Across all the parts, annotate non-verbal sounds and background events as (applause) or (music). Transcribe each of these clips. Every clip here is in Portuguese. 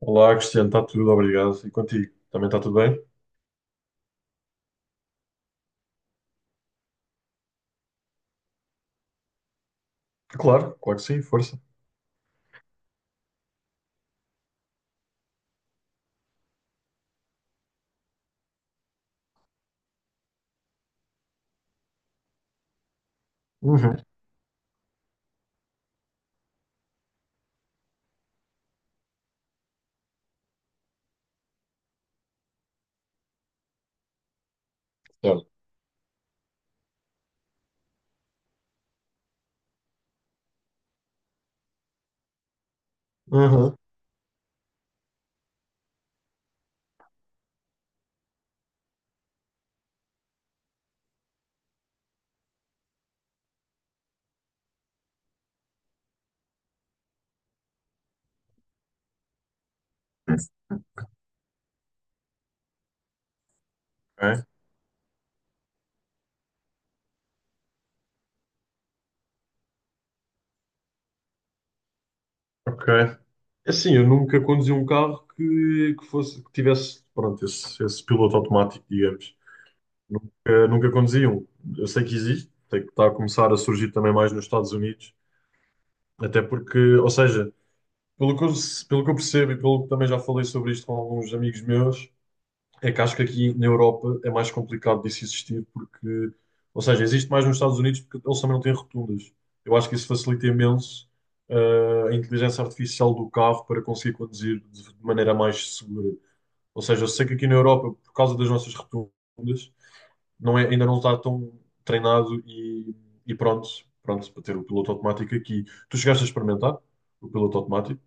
Olá, Cristiano, está tudo, obrigado. E contigo? Também está tudo bem? Claro, claro que sim, força. Uhum. Claro. Uhum. Ok, ok. É assim, eu nunca conduzi um carro que tivesse, pronto, esse piloto automático, digamos. Nunca conduzi um. Eu sei que existe, sei que está a começar a surgir também mais nos Estados Unidos, até porque, ou seja, pelo que eu, pelo que eu percebo e pelo que também já falei sobre isto com alguns amigos meus, é que acho que aqui na Europa é mais complicado disso existir, porque, ou seja, existe mais nos Estados Unidos porque eles também não têm rotundas. Eu acho que isso facilita imenso a inteligência artificial do carro para conseguir conduzir de maneira mais segura. Ou seja, eu sei que aqui na Europa, por causa das nossas rotundas, não é, ainda não está tão treinado e pronto, pronto para ter o piloto automático aqui. Tu chegaste a experimentar o piloto automático?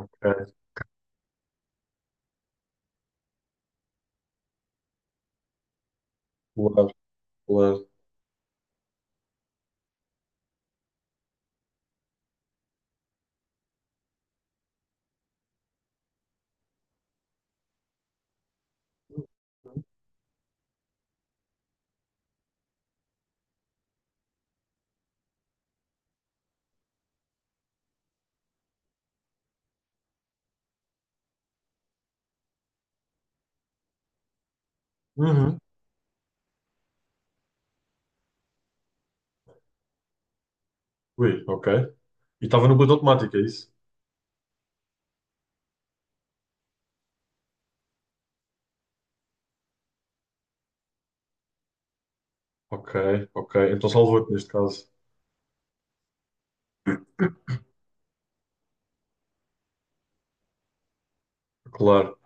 Ok, claro, claro. Uhum. Ui, ok. E estava no piloto automático, é isso? Ok, ok. Então salvou-te neste caso. Claro.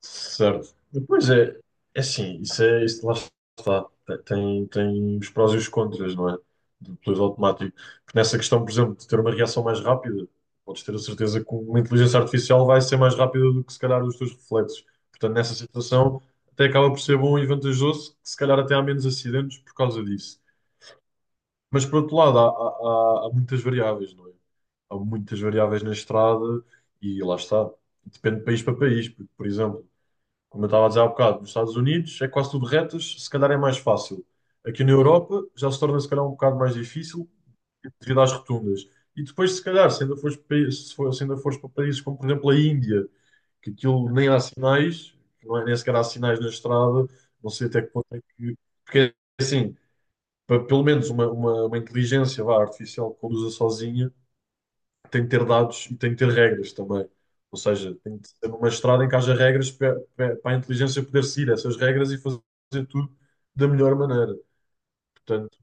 Certo. Pois é, é assim, isso é, isso lá está. Tem, tem os prós e os contras, não é? Do piloto automático. Porque nessa questão, por exemplo, de ter uma reação mais rápida, podes ter a certeza que uma inteligência artificial vai ser mais rápida do que se calhar os teus reflexos. Portanto, nessa situação, até acaba por ser bom e vantajoso, que se calhar até há menos acidentes por causa disso. Mas por outro lado, há, há muitas variáveis, não é? Há muitas variáveis na estrada e lá está. Depende de país para país. Porque, por exemplo, como eu estava a dizer há bocado, nos Estados Unidos é quase tudo retas, se calhar é mais fácil. Aqui na Europa já se torna se calhar um bocado mais difícil devido às rotundas. E depois, se calhar, se ainda fores, se ainda fores para países como, por exemplo, a Índia, que aquilo nem há sinais, não é, nem sequer há sinais na estrada, não sei até que ponto é que. Porque é assim, para pelo menos uma inteligência vá, artificial que conduza sozinha tem que ter dados e tem que ter regras também. Ou seja, tem que ser uma estrada em que haja regras para, para a inteligência poder seguir essas regras e fazer tudo da melhor maneira. Portanto,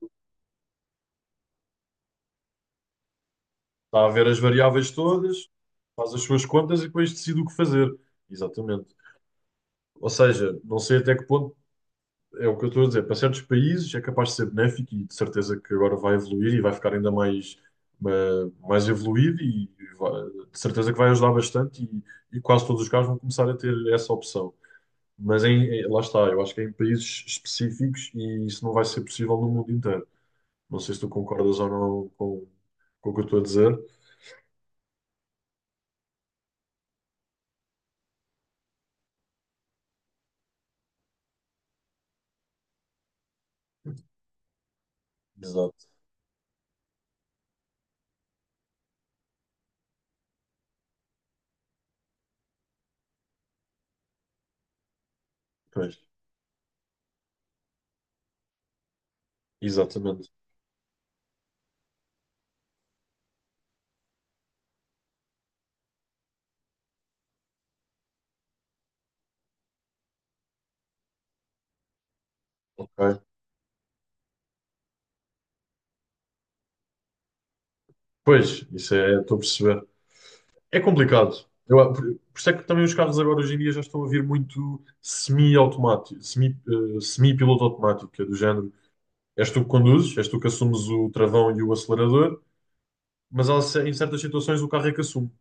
está a ver as variáveis todas, faz as suas contas e depois decide o que fazer. Exatamente. Ou seja, não sei até que ponto. É o que eu estou a dizer. Para certos países é capaz de ser benéfico e de certeza que agora vai evoluir e vai ficar ainda mais, ma- mais evoluído e de certeza que vai ajudar bastante e quase todos os carros vão começar a ter essa opção. Mas em, lá está, eu acho que é em países específicos e isso não vai ser possível no mundo inteiro. Não sei se tu concordas ou não com, com o que eu estou a dizer. Exato. Pois, exatamente. Ok. Pois, isso é, estou a perceber. É complicado. Eu, por isso é que também os carros agora hoje em dia já estão a vir muito semi-automático, semi, semi-piloto automático, que é do género. És tu que conduzes, és tu que assumes o travão e o acelerador, mas há em certas situações o carro é que assume.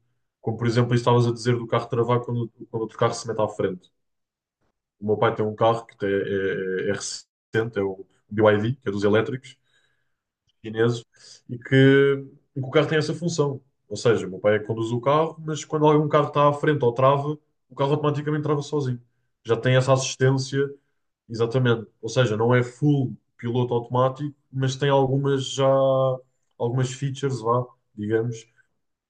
Como por exemplo, isso estavas a dizer do carro travar quando, quando outro carro se mete à frente. O meu pai tem um carro que é recente, é o BYD, que é dos elétricos, chineses e que, e que o carro tem essa função. Ou seja, o meu pai é que conduz o carro, mas quando algum carro está à frente ou trava, o carro automaticamente trava sozinho. Já tem essa assistência, exatamente. Ou seja, não é full piloto automático, mas tem algumas já algumas features, vá, digamos,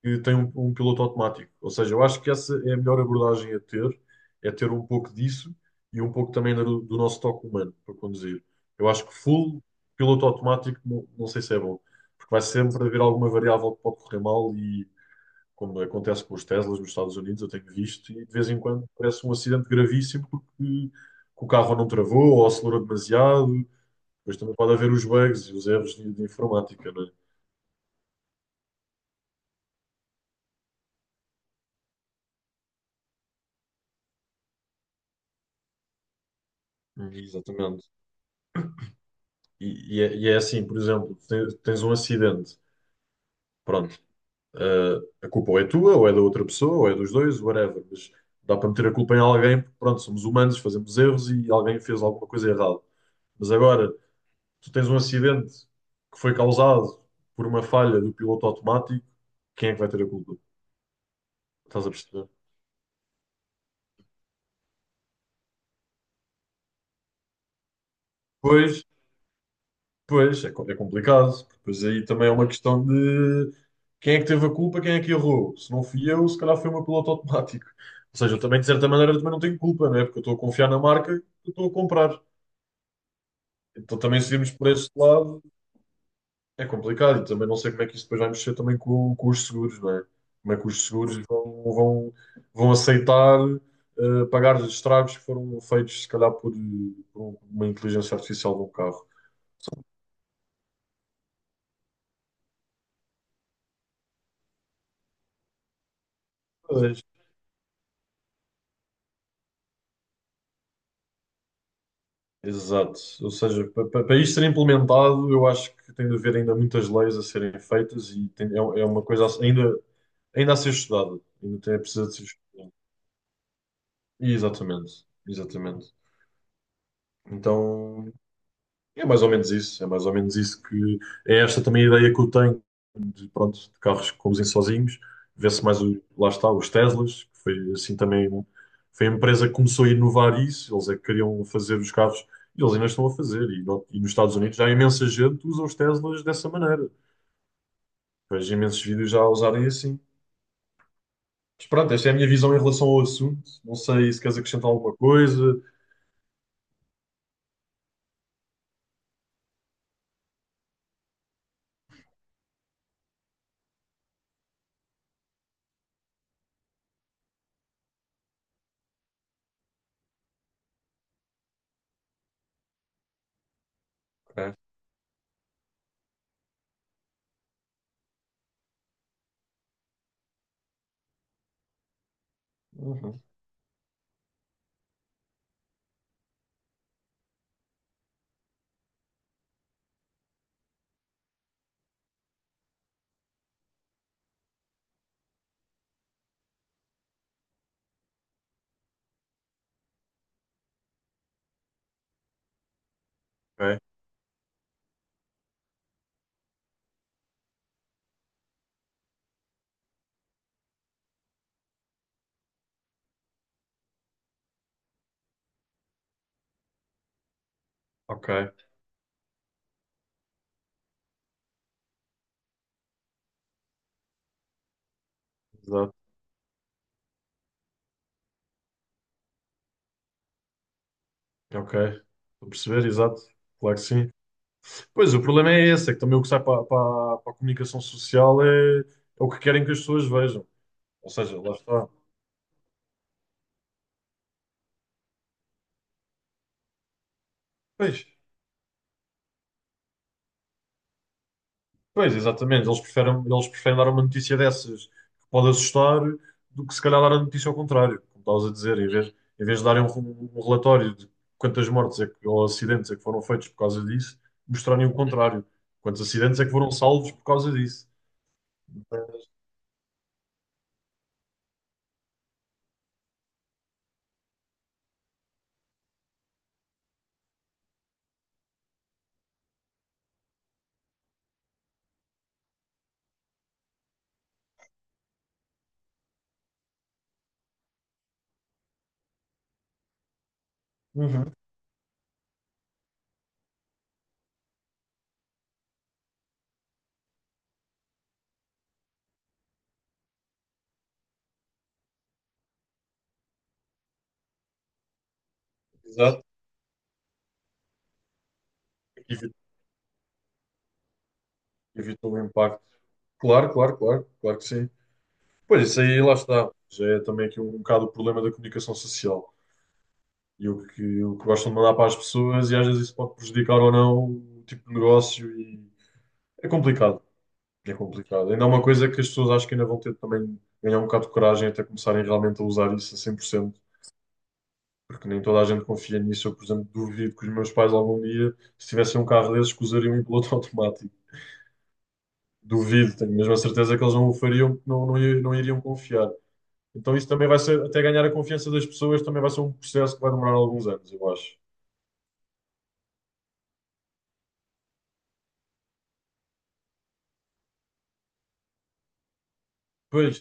que tem um piloto automático. Ou seja, eu acho que essa é a melhor abordagem a ter, é ter um pouco disso e um pouco também do, do nosso toque humano para conduzir. Eu acho que full piloto automático não, não sei se é bom, porque vai sempre haver alguma variável que pode correr mal e, como acontece com os Teslas nos Estados Unidos, eu tenho visto, e de vez em quando parece um acidente gravíssimo porque que o carro não travou ou acelerou demasiado. Depois também pode haver os bugs e os erros de informática, não é? Exatamente. E é assim, por exemplo, tens, tens um acidente, pronto, a culpa ou é tua, ou é da outra pessoa, ou é dos dois, whatever, mas dá para meter a culpa em alguém, porque pronto, somos humanos, fazemos erros e alguém fez alguma coisa errada. Mas agora, tu tens um acidente que foi causado por uma falha do piloto automático, quem é que vai ter a culpa? Estás a perceber? Pois, pois, é, é complicado, porque depois aí também é uma questão de quem é que teve a culpa, quem é que errou. Se não fui eu, se calhar foi o meu piloto automático. Ou seja, eu também, de certa maneira, também não tenho culpa, não é? Porque eu estou a confiar na marca que eu estou a comprar. Então também se virmos por esse lado, é complicado. E também não sei como é que isso depois vai mexer também com os seguros, não é? Como é que os seguros vão aceitar pagar os estragos que foram feitos, se calhar, por uma inteligência artificial de um carro. Exato. Ou seja, para isto ser implementado, eu acho que tem de haver ainda muitas leis a serem feitas e é, é uma coisa ainda, ainda a ser estudada. Ainda tem, precisa de ser estudada. Exatamente. Exatamente. Então, é mais ou menos isso, é mais ou menos isso que é esta também a ideia que eu tenho de, pronto, de carros que conduzem sozinhos, vê-se mais, o, lá está, os Teslas, que foi assim também, foi a empresa que começou a inovar isso, eles é que queriam fazer os carros e eles ainda estão a fazer, e, e nos Estados Unidos já há imensa gente que usa os Teslas dessa maneira, vejo imensos vídeos já a usarem assim. Mas pronto, esta é a minha visão em relação ao assunto, não sei se queres acrescentar alguma coisa. Ok, uhum, ok, ok, exato, ok, estou a perceber, exato, claro que sim. Pois, o problema é esse, é que também o que sai para a comunicação social é, é o que querem que as pessoas vejam. Ou seja, lá está. Pois, pois, exatamente. Eles preferem dar uma notícia dessas que pode assustar do que se calhar dar a notícia ao contrário, como estavas a dizer, em vez de darem um, um relatório de quantas mortes é que, ou acidentes é que foram feitos por causa disso, mostrarem o contrário. Quantos acidentes é que foram salvos por causa disso. Uhum. Exato. Evita, evita o impacto. Claro, claro, claro, claro que sim. Pois isso aí lá está. Já é também aqui um, bocado o problema da comunicação social e o que gostam de mandar para as pessoas, e às vezes isso pode prejudicar ou não o tipo de negócio e é complicado. É complicado. Ainda é uma coisa que as pessoas acho que ainda vão ter também de ganhar um bocado de coragem até começarem realmente a usar isso a 100% porque nem toda a gente confia nisso. Eu, por exemplo, duvido que os meus pais algum dia, se tivessem um carro desses, que usariam em piloto (laughs) automático. Duvido, tenho mesmo a certeza que eles não o fariam, porque não iriam confiar. Então isso também vai ser, até ganhar a confiança das pessoas, também vai ser um processo que vai demorar alguns anos, eu acho. Pois,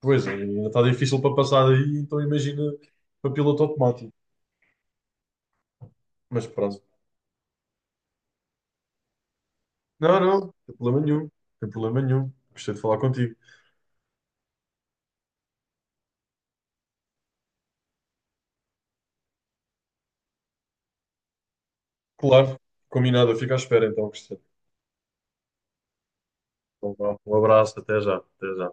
pois, ainda está difícil para passar aí então imagina para piloto automático. Mas pronto. Não, não, não tem problema nenhum, não tem problema nenhum. Gostei de falar contigo. Claro, combinado, eu fico à espera então, Cristiano. Então, vá, um abraço, até já, até já.